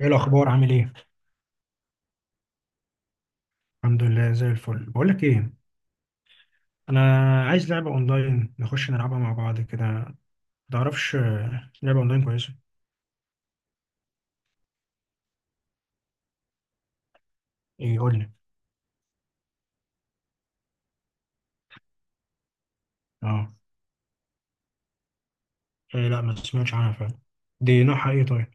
ايه الاخبار؟ عامل ايه؟ الحمد لله، زي الفل. بقول لك ايه؟ انا عايز لعبه اونلاين نخش نلعبها مع بعض كده، ما تعرفش لعبه اونلاين كويسه؟ ايه؟ قول لي. اه. إيه؟ لا، ما سمعتش عنها فعلا. دي نوعها ايه؟ طيب.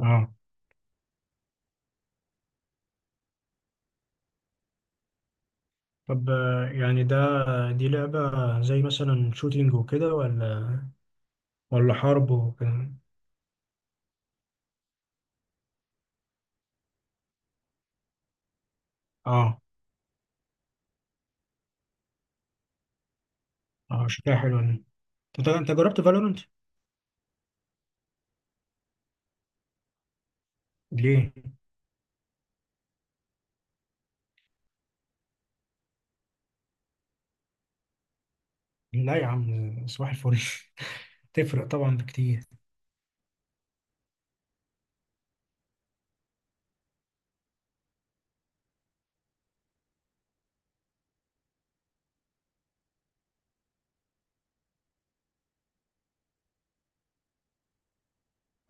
اه. طب، يعني دي لعبه زي مثلا شوتينج وكده، ولا حرب وكده؟ اه. اه، شكلها حلو يعني. انت جربت فالورنت؟ ليه؟ لا يا عم، صباح الفل. تفرق طبعا بكتير.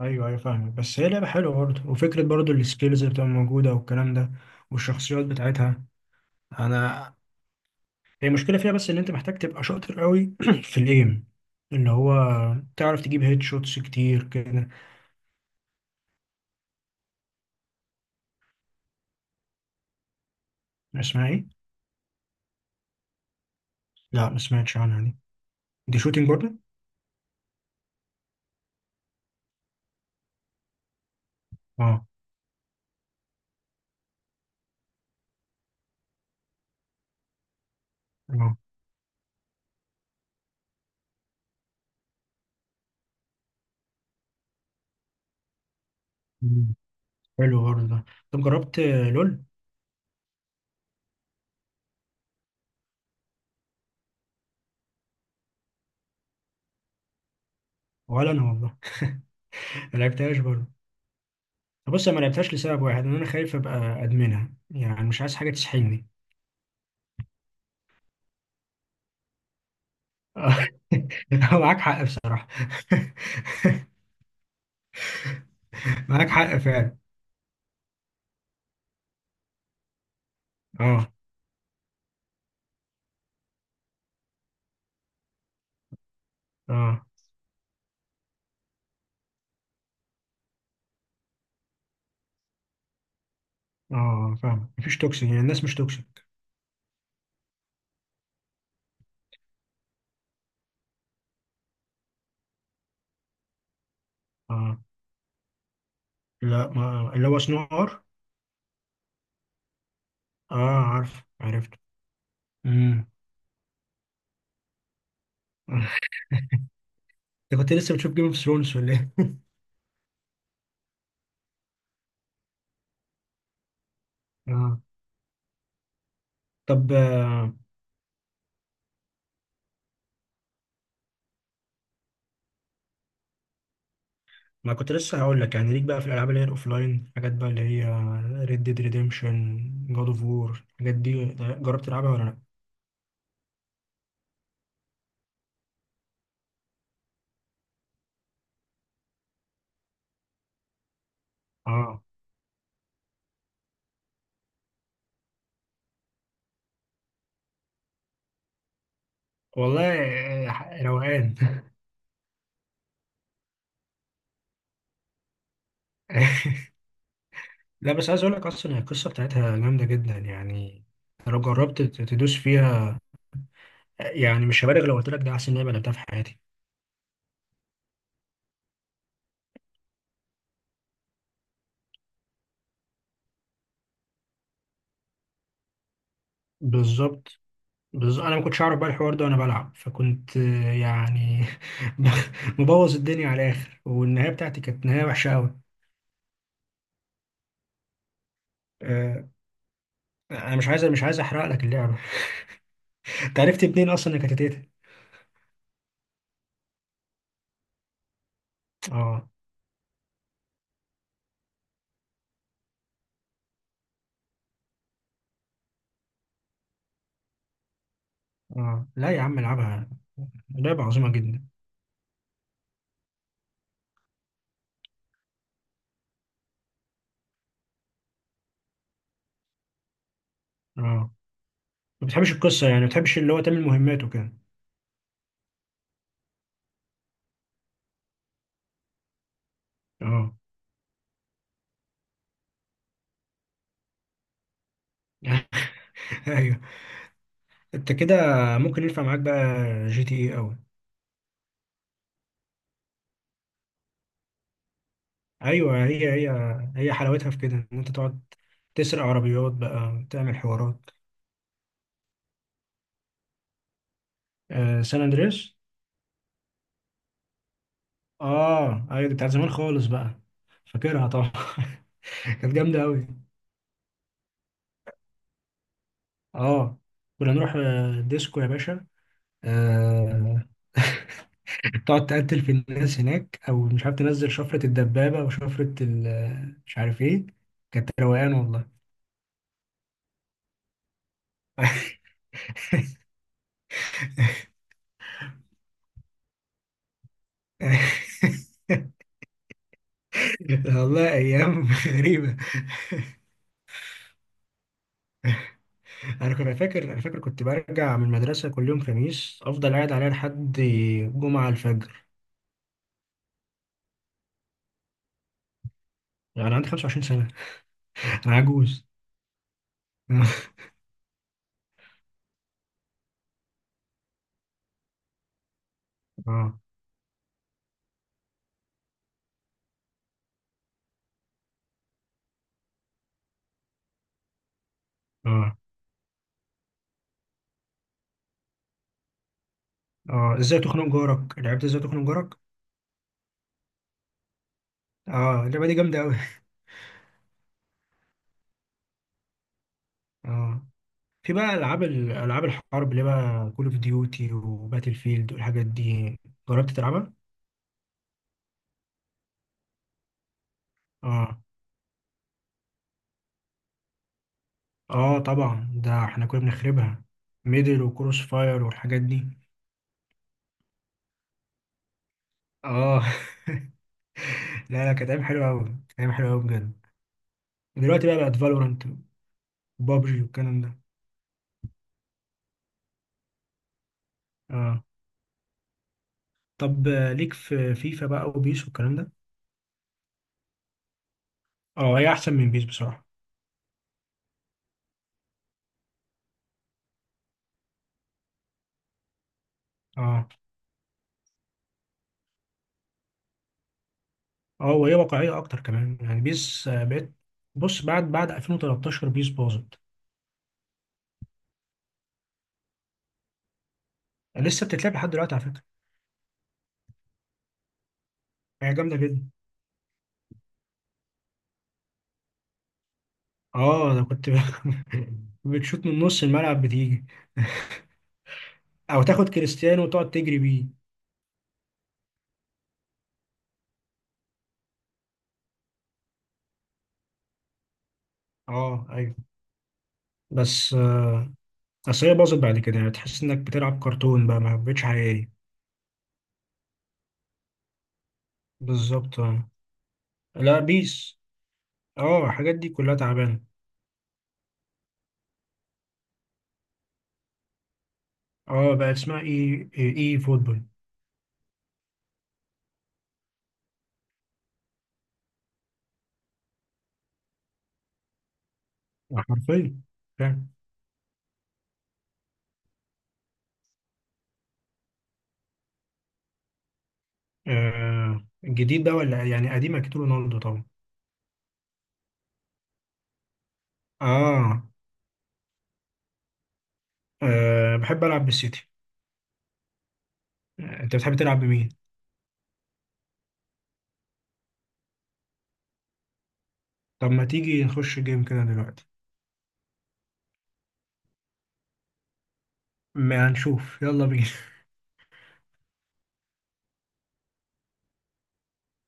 ايوه، ايوه، فاهمك، بس هي لعبه حلوه برضه، وفكره برضه السكيلز اللي بتبقى موجوده والكلام ده والشخصيات بتاعتها. انا، هي المشكله فيها بس ان انت محتاج تبقى شاطر قوي في الايم، اللي هو تعرف تجيب هيد شوتس كتير كده. اسمها ايه؟ لا، ما سمعتش عنها دي. دي شوتنج برضه. اه. اه. مم. حلو برضه ده. طب جربت؟ لول. ولا انا والله. ما لعبتهاش برضه. بص، انا ما لعبتهاش لسبب واحد، ان انا خايف ابقى ادمنها، يعني مش عايز حاجه تسحلني. آه. هو معاك حق بصراحة. معاك حق فعلا. اه، اه، اه، فاهم، مفيش توكسيك يعني، الناس مش توكسيك. اه لا، ما اللي هو صناعة عار. اه، عارف، عرفت. امم انت كنت لسه بتشوف جيم اوف ثرونز ولا ايه؟ اه. طب، ما كنت لسه هقول لك، يعني ليك بقى في الالعاب اللي هي الاوفلاين، حاجات بقى اللي هي ريد ديد ريديمشن، جاد اوف وور، الحاجات دي جربت تلعبها ولا لا؟ اه والله، روقان. لا، بس عايز اقول لك، اصلا هي القصه بتاعتها جامده جدا يعني. أنا لو جربت تدوس فيها، يعني مش هبالغ لو قلت لك ده احسن لعبه لعبتها في حياتي. بالظبط، بالظبط. انا ما كنتش اعرف بقى الحوار ده وانا بلعب، فكنت يعني مبوظ الدنيا على الاخر، والنهايه بتاعتي كانت نهايه وحشه قوي. آه، انا مش عايز احرق لك اللعبه. انت عرفت منين اصلا انك هتتقتل؟ اه، اه، لا يا عم، العبها. لعبه عظيمه جدا. اه، ما بتحبش القصه يعني، ما بتحبش اللي هو تعمل مهمات وكده. اه. ايوه، انت كده ممكن ينفع معاك بقى جي تي اي قوي. ايوه، هي هي. هي حلاوتها في كده، ان انت تقعد تسرق عربيات بقى تعمل حوارات. آه، سان اندريس. اه، ايوه، دي بتاعت زمان خالص بقى. فاكرها طبعا. كانت جامده قوي. اه، كنا نروح ديسكو يا باشا. آه. تقعد تقتل في الناس هناك، او مش عارف تنزل شفره الدبابه وشفره مش عارف ايه. كانت روقان والله. والله ايام غريبه. انا فاكر كنت برجع من المدرسه كل يوم خميس، افضل قاعد عليها لحد جمعه الفجر. يعني عندي 25 سنه. انا عجوز. اه، اه، اه، ازاي تخنق جارك، لعبت ازاي تخنق جارك. اه، اللعبه دي جامده قوي. اه. في بقى العاب العاب الحرب اللي بقى كول اوف ديوتي وباتل فيلد والحاجات دي، جربت تلعبها؟ اه، اه، طبعا، ده احنا كنا بنخربها. ميدل وكروس فاير والحاجات دي. اه. لا، لا، كانت ايام حلوه قوي، كانت ايام حلوه قوي بجد. دلوقتي بقى بقت فالورانت وبابجي والكلام ده. اه. طب، ليك في فيفا بقى وبيس والكلام ده. اه، هي احسن من بيس بصراحه. اه، اه، وهي واقعيه اكتر كمان، يعني بيس بقت. بص، بعد 2013 بيس باظت. لسه بتتلعب لحد دلوقتي على فكره. هي جامده جدا. اه، انا كنت. بتشوت من نص الملعب بتيجي. او تاخد كريستيانو وتقعد تجري بيه. اه، ايوه. بس، اصل هي باظت بعد كده، يعني تحس انك بتلعب كرتون بقى، ما بقتش حقيقية. بالظبط. آه. لا، بيس، اه، الحاجات دي كلها تعبانة. اه، بقى اسمها ايه ايه إيه فوتبول. حرفيا، فاهم. آه، الجديد بقى ولا يعني قديم؟ اكيد رونالدو طبعا. آه. اه، بحب العب بالسيتي. انت بتحب تلعب بمين؟ طب، ما تيجي نخش جيم كده دلوقتي؟ ما هنشوف، يلا بينا.